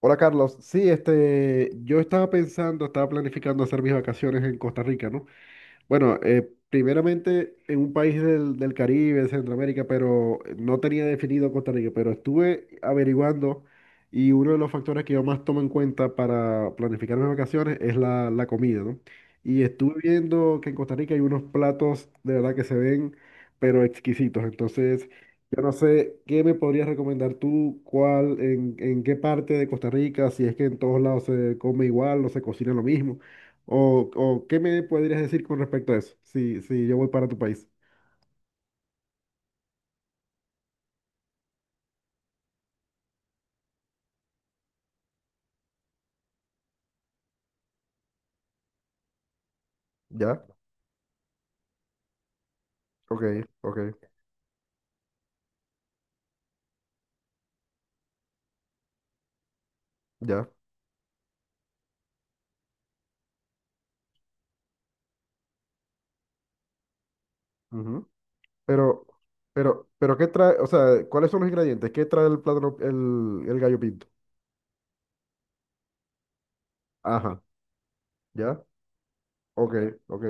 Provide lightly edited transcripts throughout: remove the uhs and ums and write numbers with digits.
Hola Carlos, sí, yo estaba pensando, estaba planificando hacer mis vacaciones en Costa Rica, ¿no? Bueno, primeramente en un país del Caribe, de Centroamérica, pero no tenía definido Costa Rica, pero estuve averiguando y uno de los factores que yo más tomo en cuenta para planificar mis vacaciones es la comida, ¿no? Y estuve viendo que en Costa Rica hay unos platos de verdad que se ven, pero exquisitos. Entonces, yo no sé qué me podrías recomendar tú, cuál, en qué parte de Costa Rica, si es que en todos lados se come igual o se cocina lo mismo. O qué me podrías decir con respecto a eso? Si, si yo voy para tu país. Ya, ok, ok, ya. Ujú. Pero, pero, ¿qué trae? O sea, ¿cuáles son los ingredientes? ¿Qué trae el plátano, el gallo pinto? Ajá. ¿Ya? Ok, ok.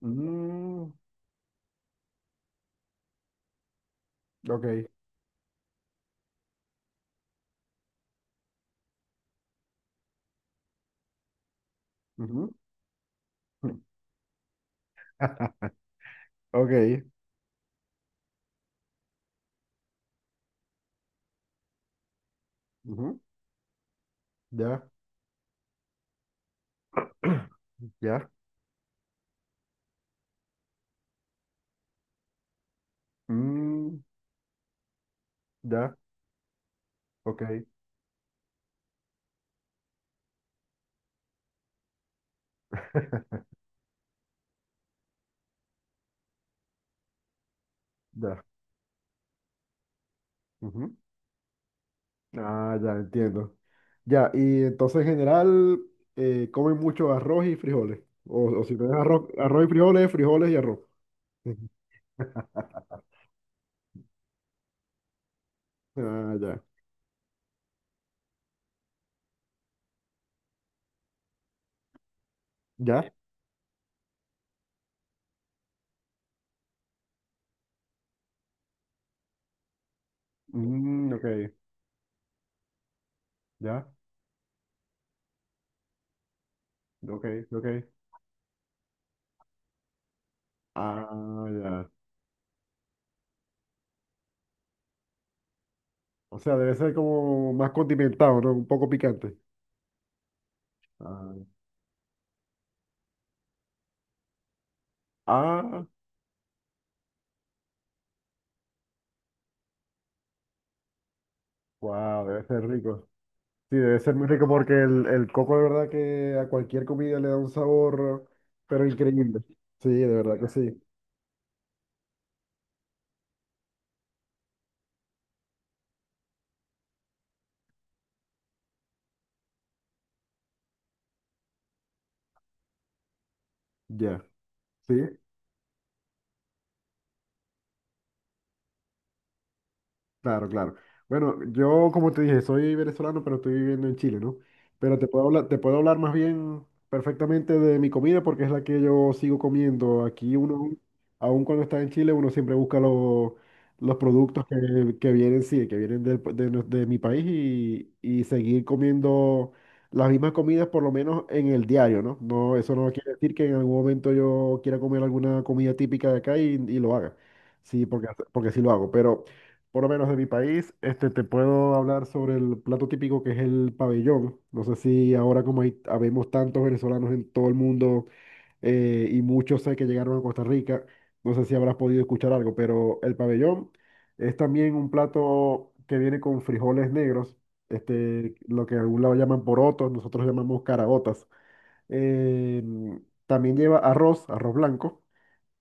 Mm, ok. Ujú. Ok. Ujú. Ya. Ya. mm, ya, ok. Ya. Ujú. Ah, ya entiendo. Ya, y entonces en general comen mucho arroz y frijoles. O si tenés arroz, arroz y frijoles, frijoles y arroz. Ujú. Ah, ya. ¿Ya? Mm, ok. Ya. Ok, ok. Ah, ya. O sea, debe ser como más condimentado, ¿no? Un poco picante. Ah, ah, wow, debe ser rico. Sí, debe ser muy rico porque el coco de verdad que a cualquier comida le da un sabor, pero increíble. Sí, de verdad que sí. Ya. Sí. Claro, claro. Bueno, yo como te dije, soy venezolano, pero estoy viviendo en Chile, ¿no? Pero te puedo hablar más bien perfectamente de mi comida porque es la que yo sigo comiendo. Aquí uno, aun cuando está en Chile, uno siempre busca los productos que vienen, sí, que vienen de mi país y seguir comiendo las mismas comidas por lo menos en el diario, ¿no? No, eso no quiere decir que en algún momento yo quiera comer alguna comida típica de acá y lo haga. Sí, porque, porque sí lo hago, pero por lo menos de mi país, te puedo hablar sobre el plato típico que es el pabellón. No sé si ahora como hay, habemos tantos venezolanos en todo el mundo y muchos sé que llegaron a Costa Rica, no sé si habrás podido escuchar algo, pero el pabellón es también un plato que viene con frijoles negros, este, lo que en algún lado llaman porotos, nosotros llamamos caraotas. Eh, también lleva arroz, arroz blanco.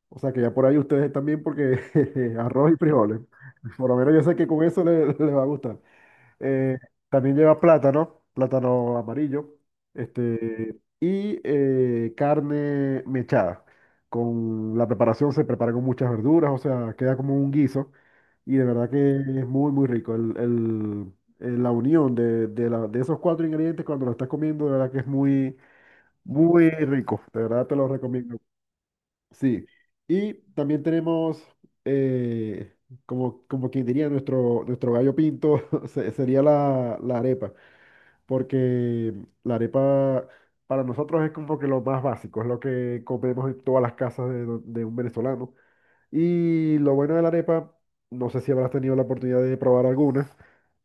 O sea que ya por ahí ustedes están bien porque arroz y frijoles. Por lo menos yo sé que con eso le, le va a gustar. Eh, también lleva plátano, plátano amarillo, este, y carne mechada. Con la preparación se prepara con muchas verduras, o sea, queda como un guiso. Y de verdad que es muy, muy rico. La unión de esos 4 ingredientes cuando lo estás comiendo, de verdad que es muy, muy rico. De verdad te lo recomiendo. Sí, y también tenemos, eh, como, como quien diría, nuestro gallo pinto sería la arepa, porque la arepa para nosotros es como que lo más básico, es lo que comemos en todas las casas de un venezolano. Y lo bueno de la arepa, no sé si habrás tenido la oportunidad de probar alguna,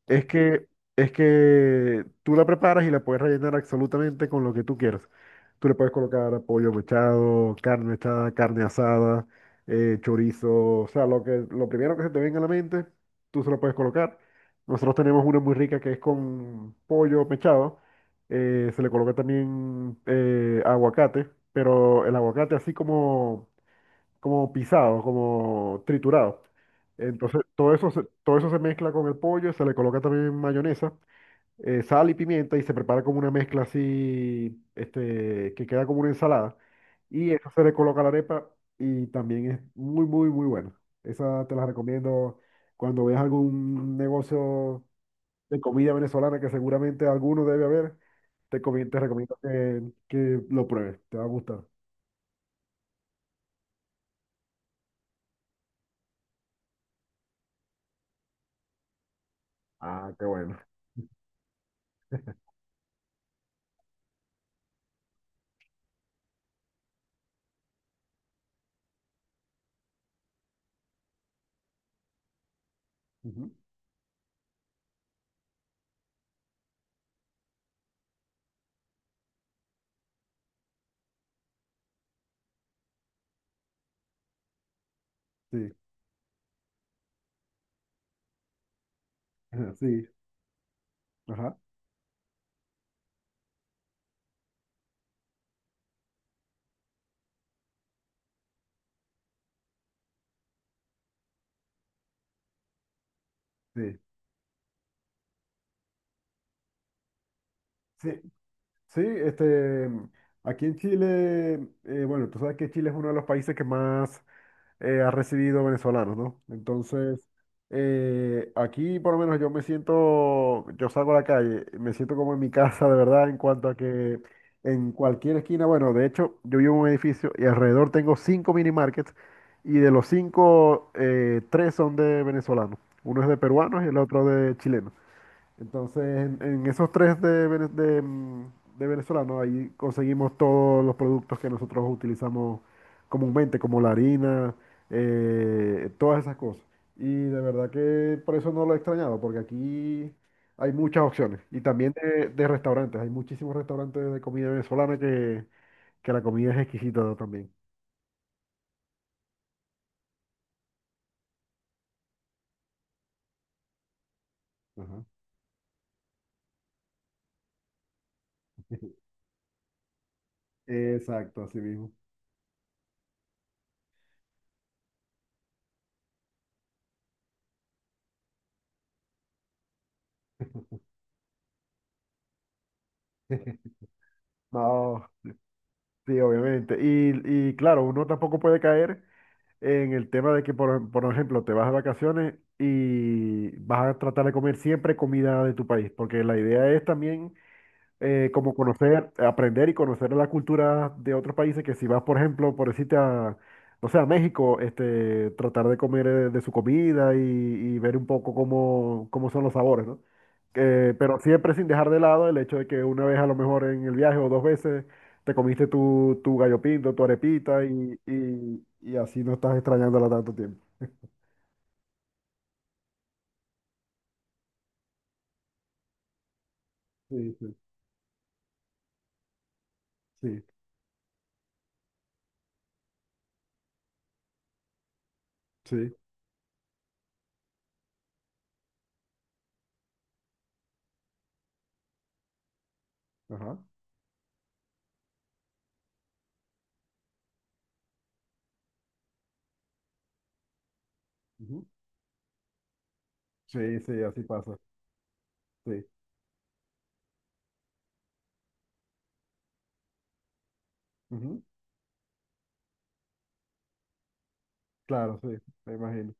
es que, es que tú la preparas y la puedes rellenar absolutamente con lo que tú quieras. Tú le puedes colocar pollo mechado, carne mechada, carne asada, chorizo, o sea, lo primero que se te venga a la mente, tú se lo puedes colocar. Nosotros tenemos una muy rica que es con pollo mechado. Se le coloca también aguacate, pero el aguacate así como como pisado, como triturado. Entonces, todo eso se mezcla con el pollo, se le coloca también mayonesa, sal y pimienta y se prepara como una mezcla así, este, que queda como una ensalada. Y eso se le coloca a la arepa y también es muy, muy, muy bueno. Esa te la recomiendo cuando veas algún negocio de comida venezolana que seguramente alguno debe haber, te recomiendo que lo pruebes, te va a gustar. Ah, qué bueno. Ujú. Sí, sí. Ajá, sí. Sí, sí, aquí en Chile, bueno, tú sabes que Chile es uno de los países que más ha recibido venezolanos, ¿no? Entonces, aquí por lo menos yo me siento, yo salgo a la calle, me siento como en mi casa, de verdad, en cuanto a que en cualquier esquina, bueno, de hecho, yo vivo en un edificio y alrededor tengo 5 mini markets y de los 5, 3 son de venezolanos. Uno es de peruanos y el otro de chilenos. Entonces, en esos tres de venezolano, ahí conseguimos todos los productos que nosotros utilizamos comúnmente, como la harina, todas esas cosas. Y de verdad que por eso no lo he extrañado, porque aquí hay muchas opciones. Y también de restaurantes, hay muchísimos restaurantes de comida venezolana que la comida es exquisita también. Ajá. Exacto, así mismo. No, sí, obviamente. Y claro, uno tampoco puede caer en el tema de que, por ejemplo, te vas de vacaciones y vas a tratar de comer siempre comida de tu país, porque la idea es también como conocer, aprender y conocer la cultura de otros países, que si vas, por ejemplo, por decirte a, no sé, a México, tratar de comer de su comida y ver un poco cómo, cómo son los sabores, ¿no? Pero siempre sin dejar de lado el hecho de que una vez a lo mejor en el viaje o dos veces te comiste tu gallo pinto, tu arepita y así no estás extrañándola tanto tiempo. Sí, sí, sí, sí, ajá. Ujú. Sí, sí, así pasa. Sí, ujú. Claro, sí, me imagino.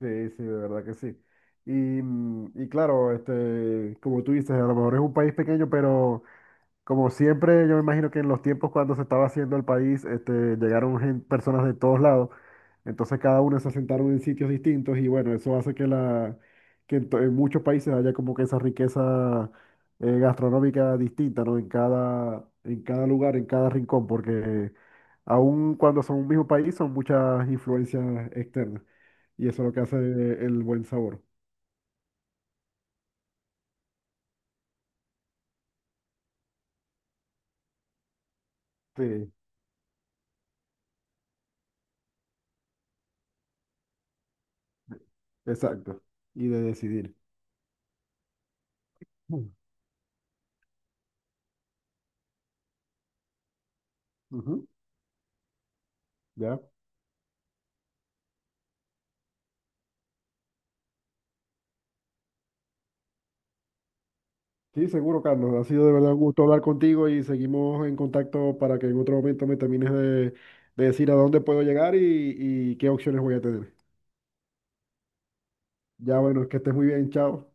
Sí, sí, de verdad que sí. Y, mm, y claro, como tú dices, a lo mejor es un país pequeño, pero como siempre, yo me imagino que en los tiempos cuando se estaba haciendo el país, este, llegaron personas de todos lados, entonces cada uno se asentaron en sitios distintos y bueno, eso hace que en, en muchos países haya como que esa riqueza gastronómica distinta, ¿no? En cada lugar, en cada rincón, porque aun cuando son un mismo país, son muchas influencias externas y eso es lo que hace el buen sabor. Sí, exacto. Y de decidir. Mm. Ujú. ¿Ya? Sí, seguro, Carlos. Ha sido de verdad un gusto hablar contigo y seguimos en contacto para que en otro momento me termines de decir a dónde puedo llegar y qué opciones voy a tener. Ya bueno, que estés muy bien, chao.